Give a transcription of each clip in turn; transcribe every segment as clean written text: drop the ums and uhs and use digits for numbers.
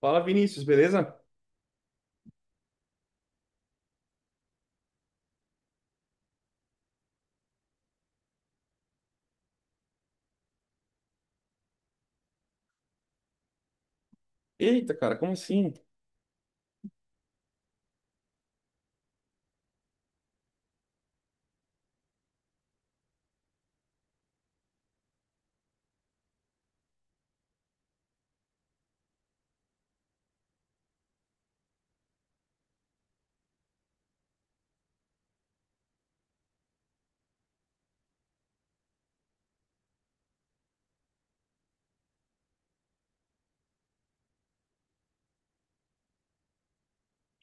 Fala, Vinícius, beleza? Eita, cara, como assim? Deixa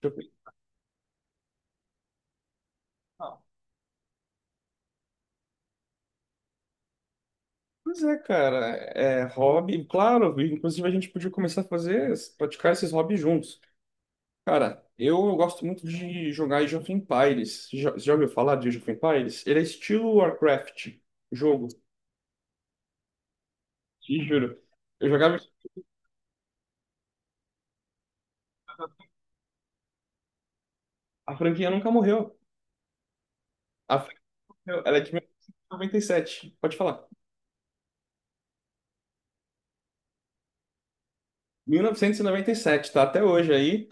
eu pensar. Pois é, cara, é hobby, claro, inclusive a gente podia começar a fazer, praticar esses hobbies juntos. Cara, eu gosto muito de jogar Age of Empires. Já, você já ouviu falar de Age of Empires? Ele é estilo Warcraft, jogo, te juro. Eu jogava. A franquia nunca morreu. A franquia, morreu. Ela é de 1997, pode falar. 1997, tá até hoje aí.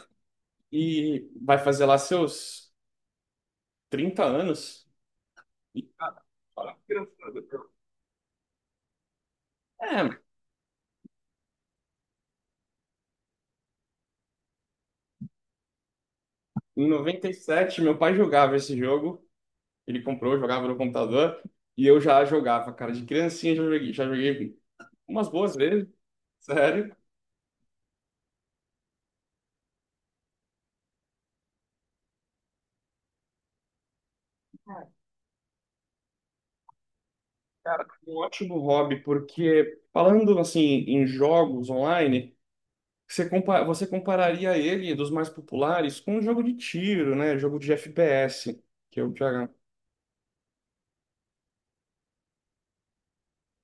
E vai fazer lá seus 30 anos. E, cara, olha que engraçado. É, em 97, meu pai jogava esse jogo. Ele comprou, jogava no computador. E eu já jogava, cara. De criancinha já joguei umas boas vezes, sério. Cara, um ótimo hobby, porque falando assim em jogos online, você, compa você compararia ele dos mais populares com um jogo de tiro, né? Jogo de FPS, que eu já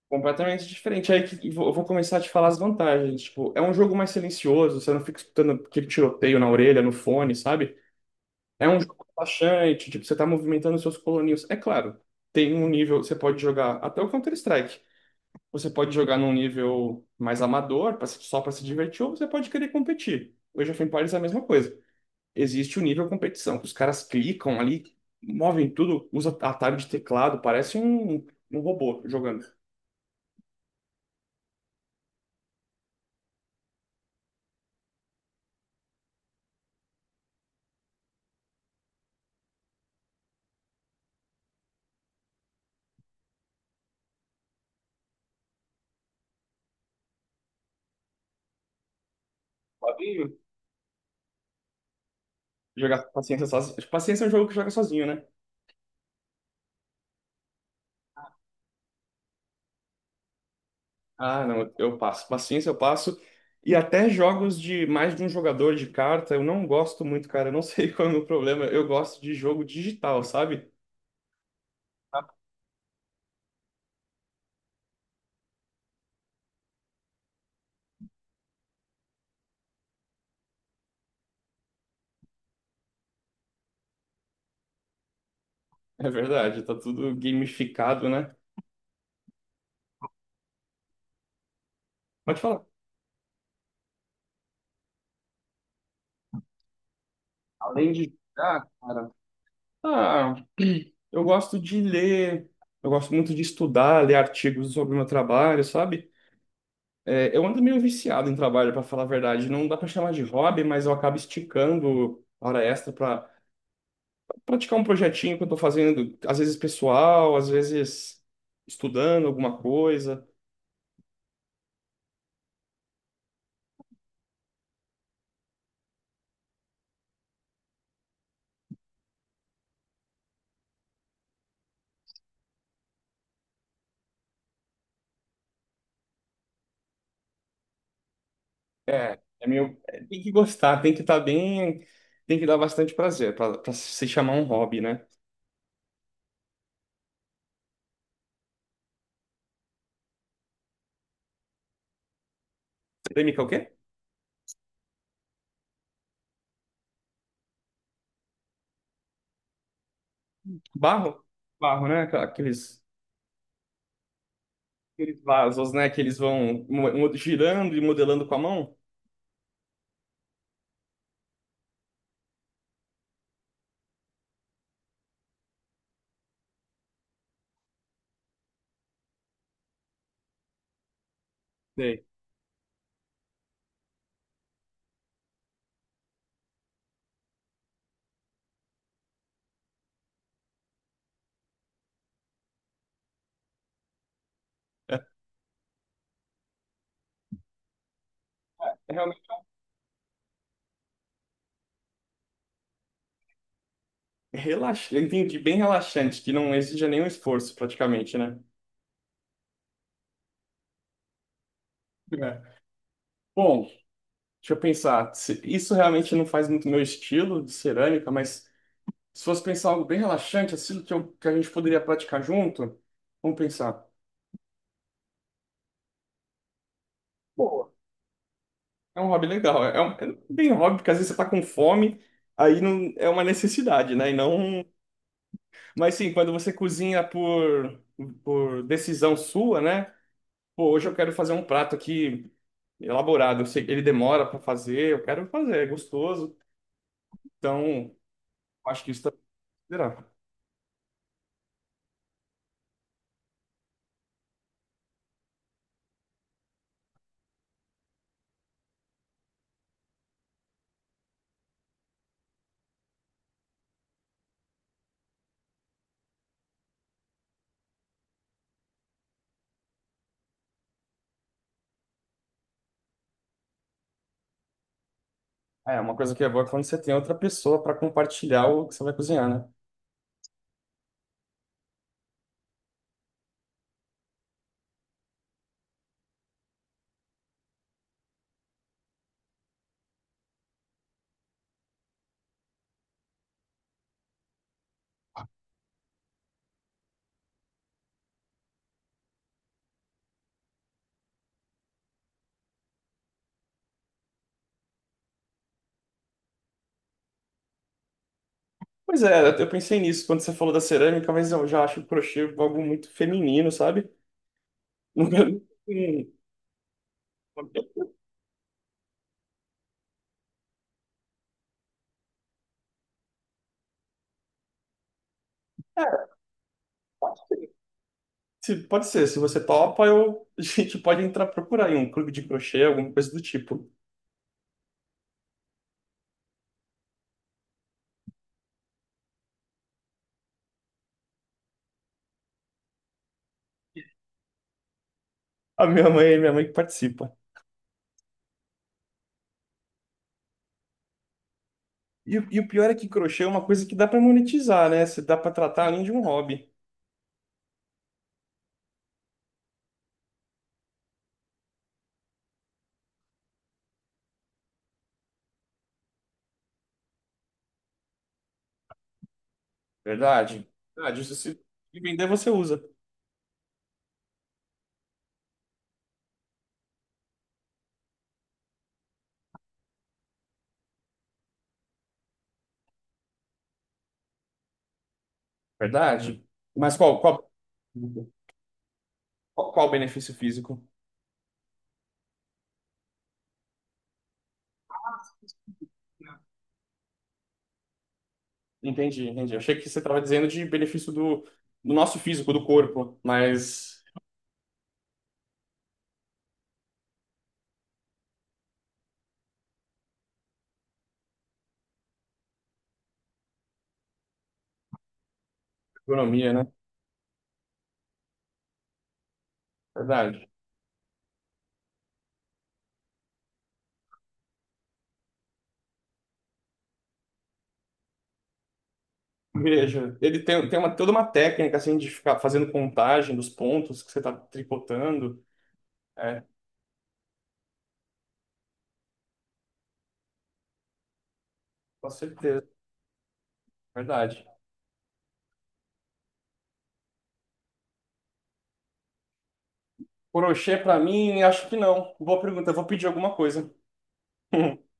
completamente diferente. Aí que eu vou começar a te falar as vantagens. Tipo, é um jogo mais silencioso, você não fica escutando aquele tiroteio na orelha, no fone, sabe? É um jogo relaxante, tipo, você tá movimentando seus coloninhos. É claro, tem um nível, você pode jogar até o Counter-Strike. Você pode jogar num nível mais amador, pra se- só para se divertir, ou você pode querer competir. O Age of Empires é a mesma coisa. Existe o nível competição, que os caras clicam ali, movem tudo, usa atalho de teclado, parece um, um robô jogando. Pode jogar paciência sozinho. Paciência é um jogo que joga sozinho, né? Ah, não, eu passo. Paciência eu passo. E até jogos de mais de um jogador de carta, eu não gosto muito, cara. Eu não sei qual é o meu problema. Eu gosto de jogo digital, sabe? É verdade, tá tudo gamificado, né? Pode falar. Além de jogar, cara, ah, eu gosto de ler, eu gosto muito de estudar, ler artigos sobre o meu trabalho, sabe? É, eu ando meio viciado em trabalho, para falar a verdade. Não dá para chamar de hobby, mas eu acabo esticando a hora extra para praticar um projetinho que eu tô fazendo, às vezes pessoal, às vezes estudando alguma coisa. É, é meio, é, tem que gostar, tem que estar bem, tem que dar bastante prazer para pra se chamar um hobby, né? Polêmica é o quê? Barro? Barro, né? Aquela- Aqueles, aqueles vasos, né? Que eles vão girando e modelando com a mão. Sei. É é realmente relaxante. Entendi, bem relaxante, que não exige nenhum esforço praticamente, né? É. Bom, deixa eu pensar. Se- Isso realmente não faz muito meu estilo de cerâmica, mas se fosse pensar algo bem relaxante, assim, que, que a gente poderia praticar junto, vamos pensar. Pô, é um hobby legal. É, é bem um hobby, porque às vezes você tá com fome, aí não, é uma necessidade, né? E não. Mas sim, quando você cozinha por decisão sua, né? Pô, hoje eu quero fazer um prato aqui elaborado. Eu sei que ele demora para fazer, eu quero fazer, é gostoso. Então, acho que isso também considerar. É, uma coisa que é boa é quando você tem outra pessoa para compartilhar o que você vai cozinhar, né? Pois é, eu pensei nisso quando você falou da cerâmica, mas eu já acho o crochê algo muito feminino, sabe? Nunca- É, é, Se, pode ser, se você topa, eu, a gente pode entrar procurar em um clube de crochê, alguma coisa do tipo. Minha mãe que participa. E, e o pior é que crochê é uma coisa que dá para monetizar, né? Você dá para tratar além de um hobby. Verdade. Verdade. Se você vender, você usa. Verdade. Mas qual o benefício físico? Entendi, entendi. Eu achei que você estava dizendo de benefício do, do nosso físico, do corpo, mas economia, né? Verdade. Veja, ele tem, tem uma, toda uma técnica assim de ficar fazendo contagem dos pontos que você está tricotando. É, com certeza, verdade. Crochê para mim, acho que não. Boa pergunta, eu vou pedir alguma coisa.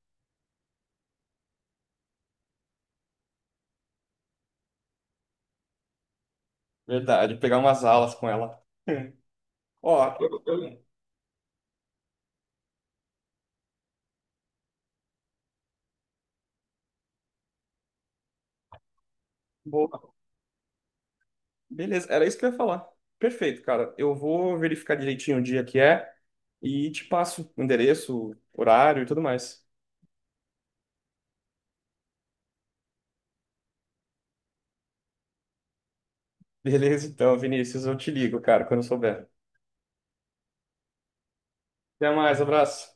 Verdade, pegar umas alas com ela. Ó, boa. Beleza, era isso que eu ia falar. Perfeito, cara. Eu vou verificar direitinho o dia que é e te passo o endereço, horário e tudo mais. Beleza, então, Vinícius, eu te ligo, cara, quando eu souber. Até mais, abraço.